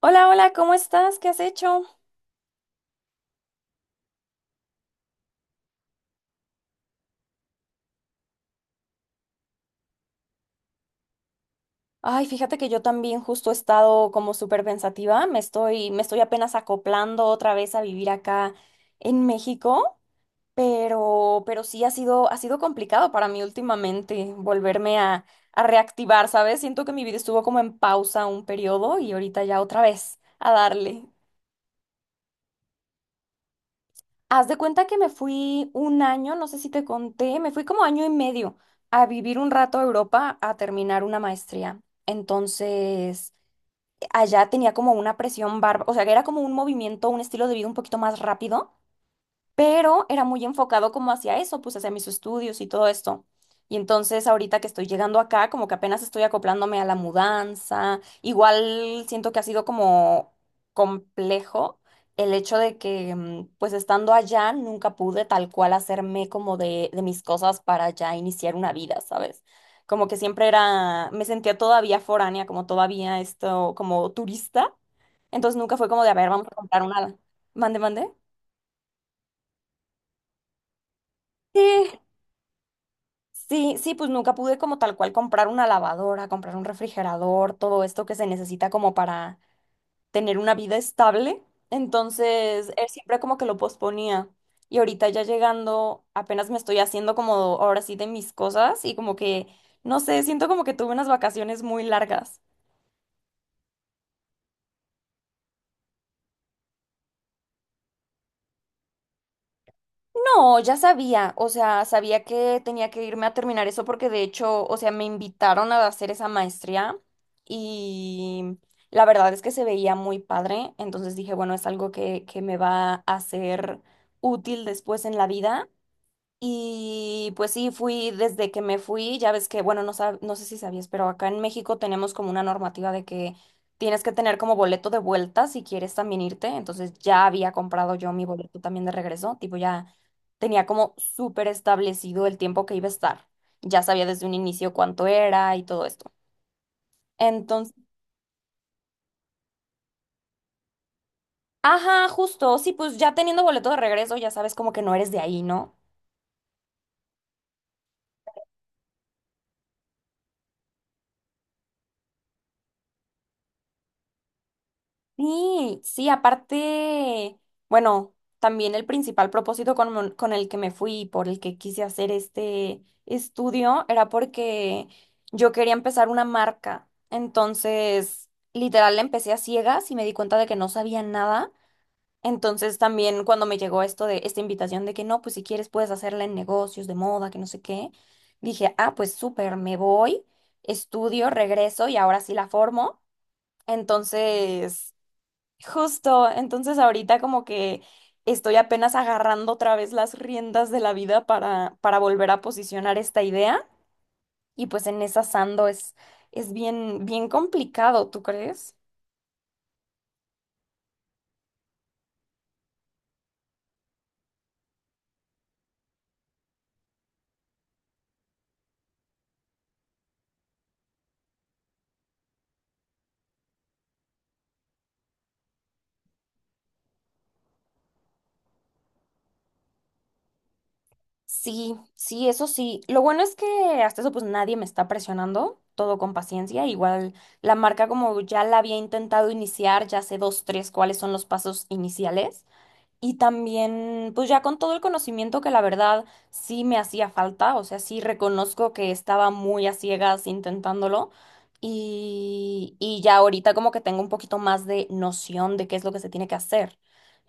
Hola, hola, ¿cómo estás? ¿Qué has hecho? Ay, fíjate que yo también justo he estado como súper pensativa. Me estoy apenas acoplando otra vez a vivir acá en México, pero sí ha sido complicado para mí últimamente volverme a reactivar, ¿sabes? Siento que mi vida estuvo como en pausa un periodo y ahorita ya otra vez a darle. Haz de cuenta que me fui un año, no sé si te conté, me fui como año y medio a vivir un rato a Europa a terminar una maestría. Entonces, allá tenía como una presión barba, o sea, que era como un movimiento, un estilo de vida un poquito más rápido, pero era muy enfocado como hacia eso, pues hacia mis estudios y todo esto. Y entonces ahorita que estoy llegando acá, como que apenas estoy acoplándome a la mudanza, igual siento que ha sido como complejo el hecho de que, pues estando allá, nunca pude tal cual hacerme como de mis cosas para ya iniciar una vida, ¿sabes? Como que siempre era, me sentía todavía foránea, como todavía esto, como turista. Entonces nunca fue como de, a ver, vamos a comprar una... Mande, mande. Sí, sí, sí, pues nunca pude como tal cual comprar una lavadora, comprar un refrigerador, todo esto que se necesita como para tener una vida estable. Entonces, él siempre como que lo posponía. Y ahorita ya llegando, apenas me estoy haciendo como ahora sí de mis cosas y como que, no sé, siento como que tuve unas vacaciones muy largas. No, ya sabía, o sea, sabía que tenía que irme a terminar eso porque de hecho, o sea, me invitaron a hacer esa maestría y la verdad es que se veía muy padre, entonces dije, bueno, es algo que me va a ser útil después en la vida. Y pues sí, fui desde que me fui, ya ves que, bueno, no sé si sabías, pero acá en México tenemos como una normativa de que tienes que tener como boleto de vuelta si quieres también irte. Entonces ya había comprado yo mi boleto también de regreso, tipo ya tenía como súper establecido el tiempo que iba a estar. Ya sabía desde un inicio cuánto era y todo esto. Entonces, ajá, justo, sí, pues ya teniendo boleto de regreso, ya sabes como que no eres de ahí, ¿no? Sí, sí, aparte, bueno, también el principal propósito con, con el que me fui, y por el que quise hacer este estudio, era porque yo quería empezar una marca. Entonces, literal, la empecé a ciegas y me di cuenta de que no sabía nada. Entonces, también cuando me llegó esto de esta invitación de que no, pues si quieres puedes hacerla en negocios de moda, que no sé qué, dije, ah, pues súper, me voy, estudio, regreso y ahora sí la formo. Entonces... Justo, entonces ahorita como que estoy apenas agarrando otra vez las riendas de la vida para volver a posicionar esta idea y pues en esa ando es bien, bien complicado, ¿tú crees? Sí, sí, eso sí. Lo bueno es que hasta eso pues nadie me está presionando, todo con paciencia. Igual la marca como ya la había intentado iniciar, ya sé dos, tres cuáles son los pasos iniciales. Y también, pues ya con todo el conocimiento que la verdad sí me hacía falta, o sea, sí reconozco que estaba muy a ciegas intentándolo y ya ahorita como que tengo un poquito más de noción de qué es lo que se tiene que hacer.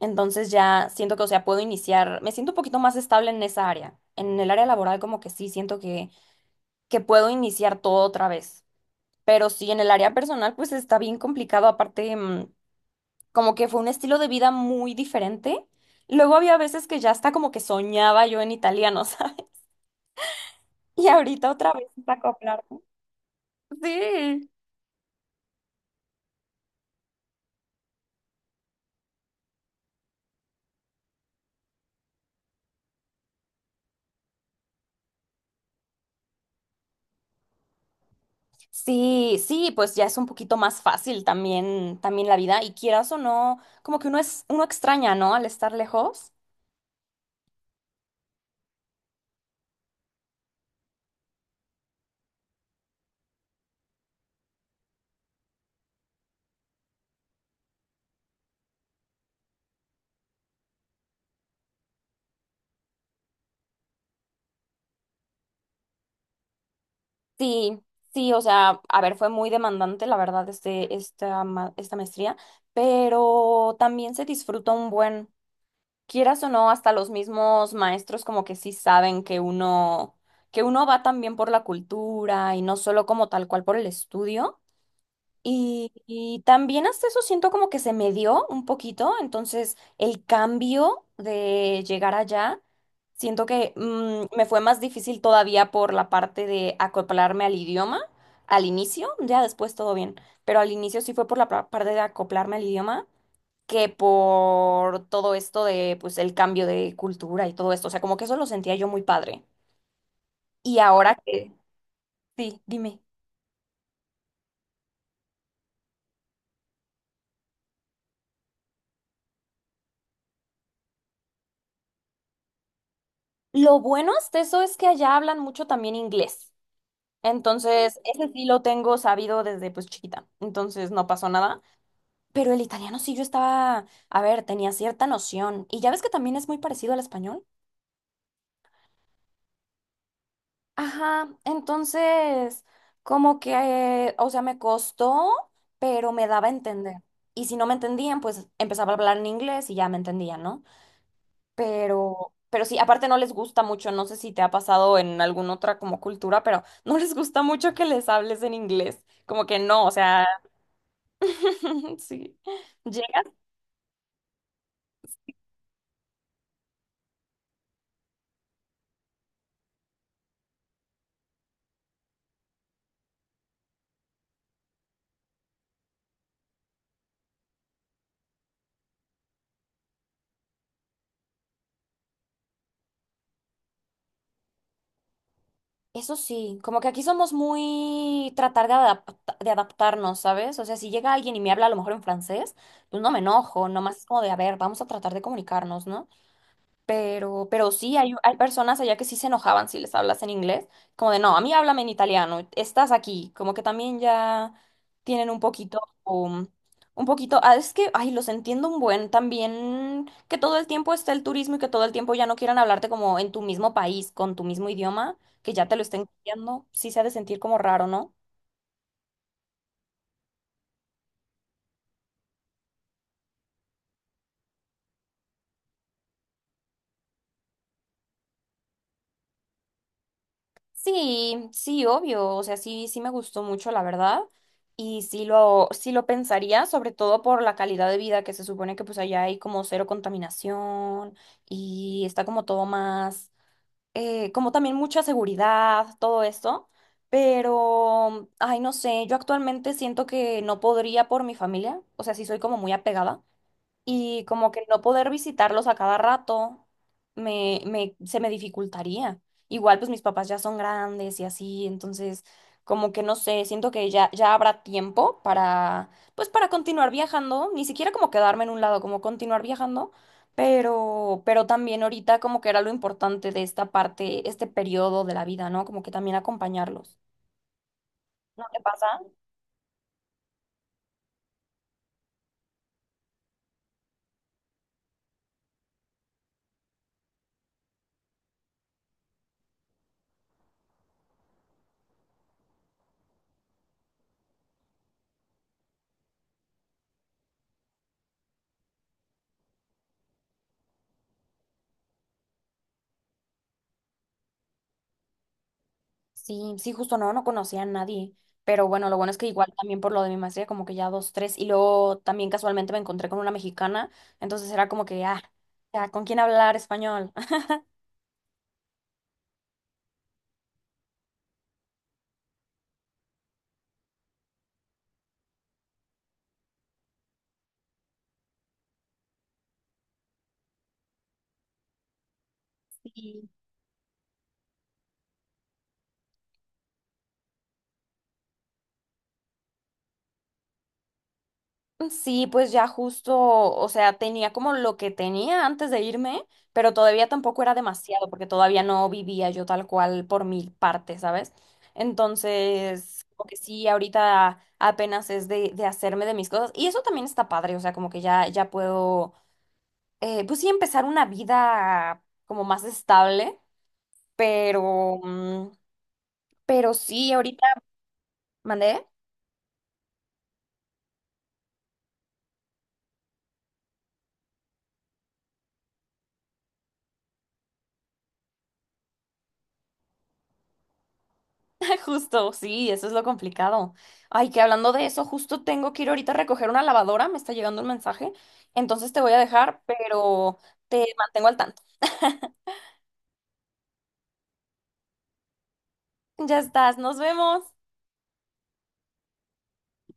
Entonces ya siento que, o sea, puedo iniciar, me siento un poquito más estable en esa área. En el área laboral como que sí siento que puedo iniciar todo otra vez. Pero sí, en el área personal pues está bien complicado, aparte... como que fue un estilo de vida muy diferente. Luego había veces que ya hasta como que soñaba yo en italiano, ¿sabes? Y ahorita otra vez es acoplarme. Sí. Sí, sí, pues ya es un poquito más fácil también, también la vida. Y quieras o no, como que uno es, uno extraña, ¿no? Al estar lejos. Sí, sí, o sea, a ver, fue muy demandante, la verdad, este, esta, esta maestría, pero también se disfruta un buen. Quieras o no, hasta los mismos maestros como que sí saben que uno va también por la cultura y no solo como tal cual por el estudio. Y también hasta eso siento como que se me dio un poquito, entonces el cambio de llegar allá, siento que me fue más difícil todavía por la parte de acoplarme al idioma. Al inicio, ya después todo bien, pero al inicio sí fue por la parte de acoplarme al idioma que por todo esto de, pues, el cambio de cultura y todo esto. O sea, como que eso lo sentía yo muy padre. Y ahora que, sí, dime. Lo bueno hasta eso es que allá hablan mucho también inglés. Entonces, ese sí lo tengo sabido desde pues chiquita. Entonces, no pasó nada. Pero el italiano sí yo estaba, a ver, tenía cierta noción. Y ya ves que también es muy parecido al español. Ajá, entonces, como que, o sea, me costó, pero me daba a entender. Y si no me entendían, pues empezaba a hablar en inglés y ya me entendían, ¿no? Pero sí, aparte no les gusta mucho, no sé si te ha pasado en alguna otra como cultura, pero no les gusta mucho que les hables en inglés. Como que no, o sea, sí. Llegan eso sí, como que aquí somos muy tratar de de adaptarnos, ¿sabes? O sea, si llega alguien y me habla a lo mejor en francés, pues no me enojo, nomás es como de, a ver, vamos a tratar de comunicarnos, ¿no? Pero sí, hay personas allá que sí se enojaban si les hablas en inglés, como de, no, a mí háblame en italiano, estás aquí, como que también ya tienen un poquito, un poquito, ah, es que, ay, los entiendo un buen, también que todo el tiempo esté el turismo y que todo el tiempo ya no quieran hablarte como en tu mismo país, con tu mismo idioma, que ya te lo estén copiando, sí se ha de sentir como raro, ¿no? Sí, sí, obvio, o sea, sí, sí me gustó mucho, la verdad, y sí lo pensaría, sobre todo por la calidad de vida que se supone que pues allá hay como cero contaminación y está como todo más, como también mucha seguridad, todo esto, pero, ay, no sé, yo actualmente siento que no podría por mi familia, o sea, sí soy como muy apegada, y como que no poder visitarlos a cada rato se me dificultaría. Igual pues mis papás ya son grandes y así, entonces como que no sé, siento que ya, ya habrá tiempo para pues para continuar viajando, ni siquiera como quedarme en un lado, como continuar viajando, pero también ahorita como que era lo importante de esta parte, este periodo de la vida, ¿no? Como que también acompañarlos. ¿No te pasa? Sí, sí, justo no, no conocía a nadie. Pero bueno, lo bueno es que igual también por lo de mi maestría, como que ya dos, tres. Y luego también casualmente me encontré con una mexicana. Entonces era como que, ah, ya, ¿con quién hablar español? Sí. Sí, pues ya justo, o sea, tenía como lo que tenía antes de irme, pero todavía tampoco era demasiado, porque todavía no vivía yo tal cual por mi parte, ¿sabes? Entonces, como que sí, ahorita apenas es de hacerme de mis cosas, y eso también está padre, o sea, como que ya, ya puedo pues sí, empezar una vida como más estable, pero, pero sí, ahorita mandé. Justo, sí, eso es lo complicado. Ay, que hablando de eso, justo tengo que ir ahorita a recoger una lavadora, me está llegando un mensaje, entonces te voy a dejar, pero te mantengo al tanto. Ya estás, nos vemos.